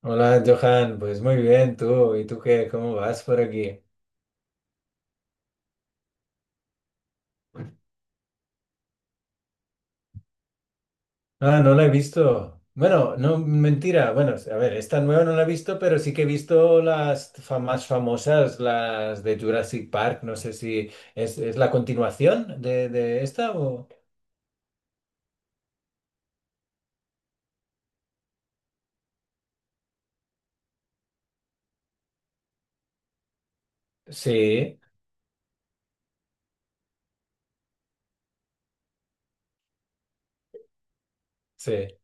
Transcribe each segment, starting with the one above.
Hola, Johan, pues muy bien, tú, ¿y tú qué? ¿Cómo vas por aquí? Ah, no la he visto. Bueno, no, mentira, bueno, a ver, esta nueva no la he visto, pero sí que he visto las más famosas, las de Jurassic Park, no sé si es la continuación de esta o... Sí, sí.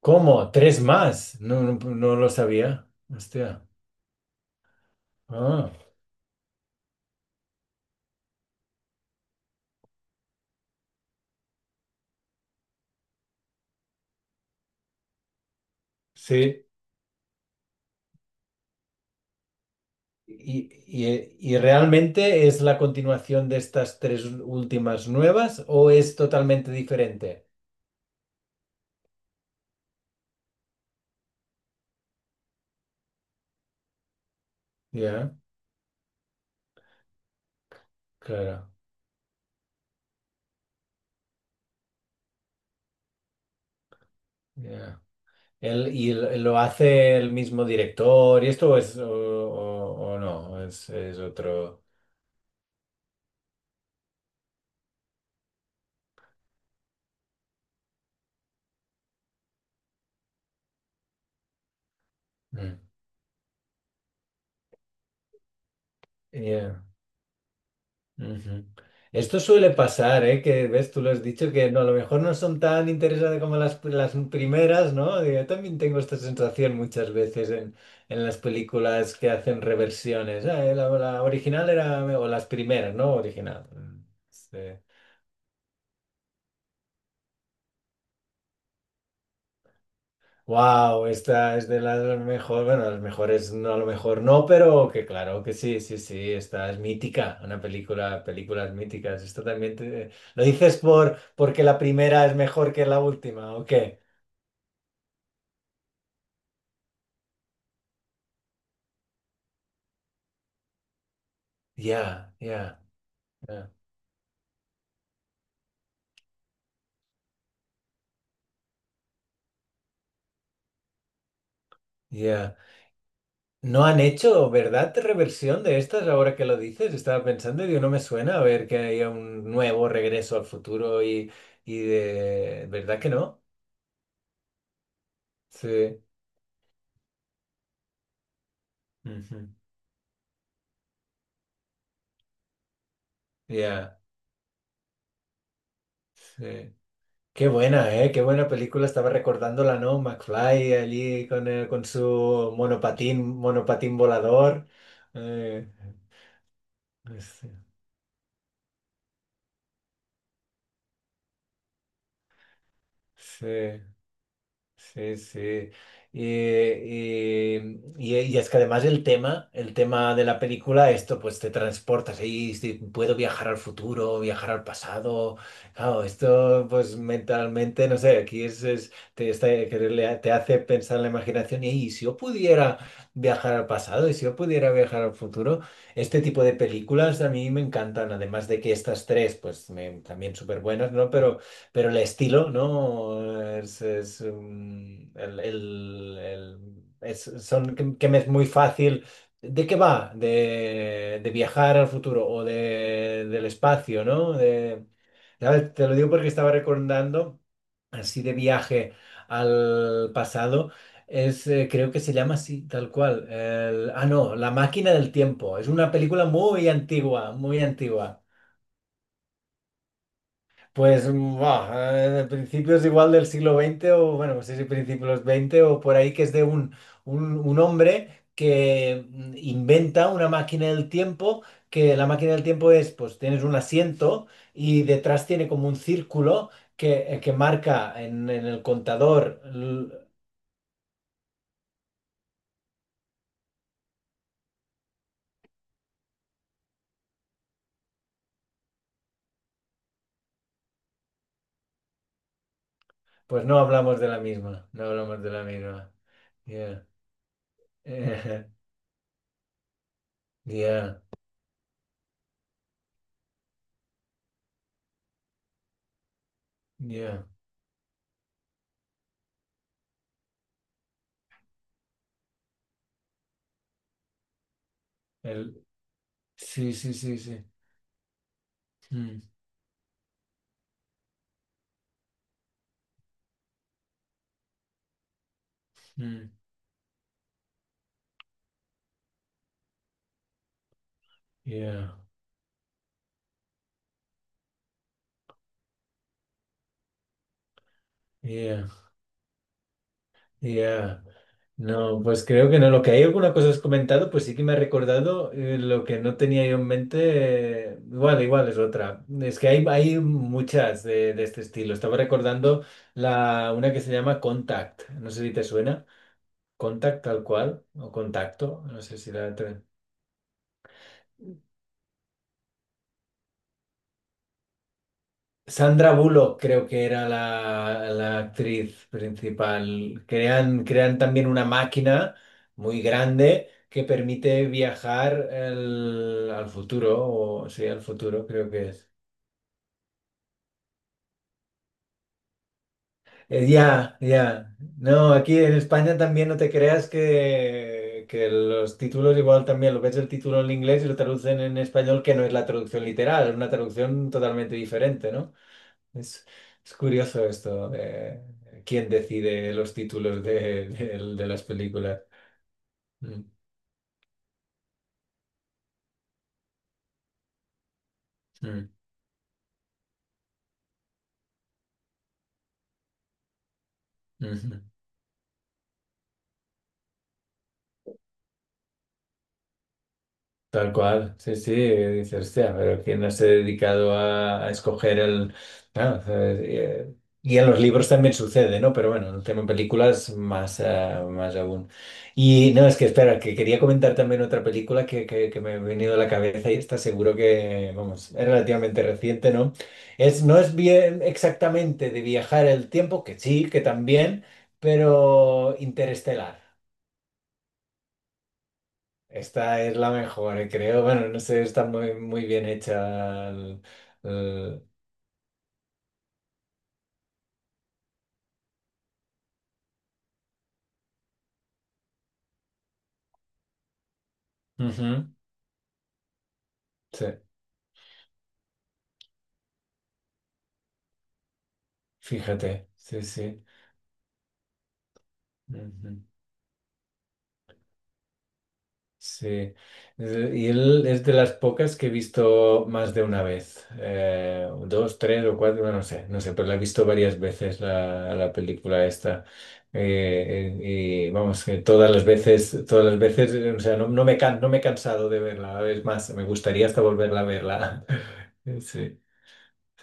¿Cómo? ¿Tres más? No, no lo sabía. Hostia. Ah, sí. Y realmente, ¿es la continuación de estas tres últimas nuevas o es totalmente diferente? Ya, claro. Ya. Él, ¿y lo hace el mismo director y esto o es o no? Es otro. Mm. Ya. Ujú. Esto suele pasar, ¿eh? Que ves, tú lo has dicho, que no, a lo mejor no son tan interesantes como las primeras, ¿no? Digo, yo también tengo esta sensación muchas veces en las películas que hacen reversiones. La original era, o las primeras, ¿no? Original. Mm, sí. Wow, esta es de las mejores, bueno, las mejores no, a lo mejor no, pero que claro que sí, sí, sí, esta es mítica, una película, películas míticas. Esto también ¿lo dices por porque la primera es mejor que la última o qué? Ya, ya, ya, ya. No han hecho, ¿verdad? Reversión de estas ahora que lo dices. Estaba pensando y digo, no me suena a ver que haya un nuevo regreso al futuro y de... ¿Verdad que no? Sí. Ujú. Ya, sí. Qué buena, ¿eh? Qué buena película. Estaba recordándola, ¿no? McFly allí con su monopatín, monopatín volador. Eh, sí, sí. Sí, sí. Y, y- y es que además el tema de la película, esto pues te transportas ahí, si puedo viajar al futuro, viajar al pasado. Claro, esto pues mentalmente, no sé, aquí es- te, está- que le- te hace pensar en la imaginación y, "Ey, si yo pudiera viajar al pasado y si yo pudiera viajar al futuro, este tipo de películas a mí me encantan, además de que estas tres pues también súper buenas, ¿no? Pero el estilo, ¿no? Es, mm, el- es- son, que me es muy fácil. ¿De qué va? De viajar al futuro o de, del espacio, ¿no? De, ¿sabes? Te lo digo porque estaba recordando, así de viaje al pasado, es, creo que se llama así, tal cual. No, La máquina del tiempo. Es una película muy antigua, muy antigua. Pues, buah, de principios igual del siglo veinte o, bueno, no sé si principios 20 o por ahí, que es de un hombre que inventa una máquina del tiempo, que la máquina del tiempo es, pues tienes un asiento y detrás tiene como un círculo que marca en el contador. Pues no hablamos de la misma, no hablamos de la misma. Yeah. Yeah, yeah. El- sí, sí, sí, sí. Mm, mm, yeah, yeah. Ya, no, pues creo que no. Lo que hay alguna cosa has comentado, pues sí que me ha recordado lo que no tenía yo en mente. Igual, igual es otra. Es que hay muchas de este estilo. Estaba recordando la, una que se llama Contact. No sé si te suena. Contact tal cual, o contacto. No sé si la... Sandra Bullock creo que era la, la actriz principal. Crean, crean también una máquina muy grande que permite viajar al futuro, o sí, al futuro creo que es. Ya, ya. No, aquí en España también no te creas que los títulos igual también, lo ves el título en inglés y lo traducen en español que no es la traducción literal, es una traducción totalmente diferente, ¿no? Es, es curioso esto de quién decide los títulos de, de las películas. Mm, mm, ujú. Tal cual, sí, sí, dice, hostia, pero ¿quién no se ha dedicado a escoger el...? Claro, y en los libros también sucede, ¿no? Pero bueno, el tema en películas más, más aún. Y no, es que espera, que quería comentar también otra película que me ha venido a la cabeza y está seguro que, vamos, es relativamente reciente, ¿no? Es, no es bien exactamente de viajar el tiempo, que sí, que también, pero Interestelar. Esta es la mejor, creo. Bueno, no sé, está muy, muy bien hecha. El- Ujú, sí, fíjate, sí, sí. Ujú, sí. Y él es de las pocas que he visto más de una vez. Eh, dos, tres o cuatro, bueno, no sé, no sé, pero la he visto varias veces la, la película esta. Y vamos, que todas las veces, o sea, no, no me he cansado de verla. Es más, me gustaría hasta volverla a verla. Sí.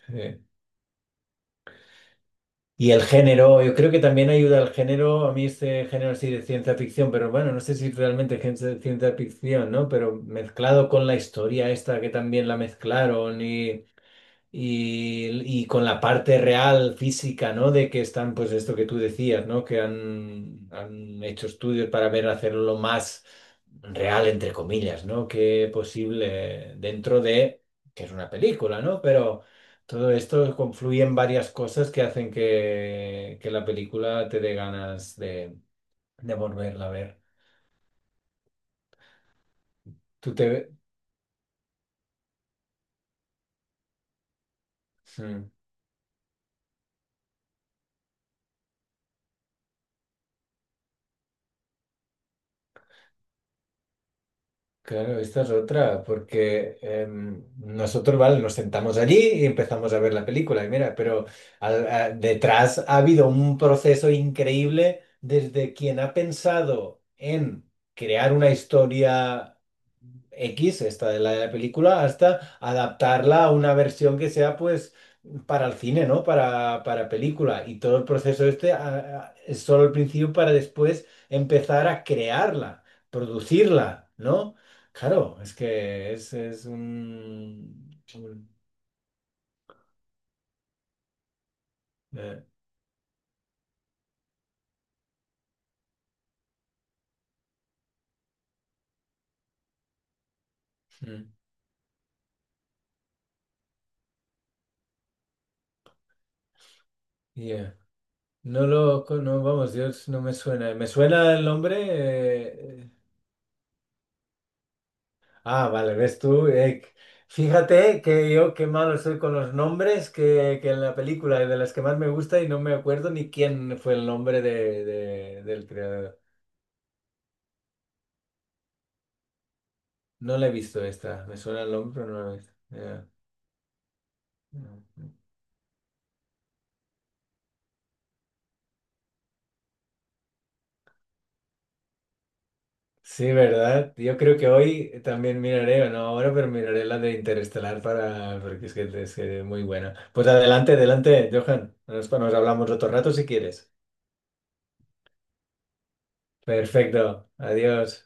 Sí. Y el género, yo creo que también ayuda al género, a mí este género sí de ciencia ficción, pero bueno, no sé si realmente es ciencia ficción, ¿no? Pero mezclado con la historia esta que también la mezclaron y, y con la parte real física, ¿no? De que están, pues esto que tú decías, ¿no? Que han, han hecho estudios para ver hacerlo lo más real, entre comillas, ¿no? Que posible dentro de, que es una película, ¿no? Pero todo esto confluye en varias cosas que hacen que la película te dé ganas de volverla a ver. Tú te... Mm. Claro, esta es otra, porque nosotros, vale, nos sentamos allí y empezamos a ver la película, y mira, pero detrás ha habido un proceso increíble desde quien ha pensado en crear una historia. X, esta de la película, hasta adaptarla a una versión que sea pues para el cine, ¿no? Para película. Y todo el proceso este es solo el principio para después empezar a crearla, producirla, ¿no? Claro, es que es un... eh, mm, yeah. No, vamos, Dios, no me suena. Me suena el nombre, eh, ah, vale, ves tú. Fíjate que yo qué malo soy con los nombres, que en la película de las que más me gusta y no me acuerdo ni quién fue el nombre de, del creador. No la he visto esta, me suena el nombre, pero no la he visto. Ya. Sí, ¿verdad? Yo creo que hoy también miraré, o no ahora, pero miraré la de Interestelar para, porque es que es que es muy buena. Pues adelante, adelante, Johan. Nos, nos hablamos otro rato si quieres. Perfecto, adiós.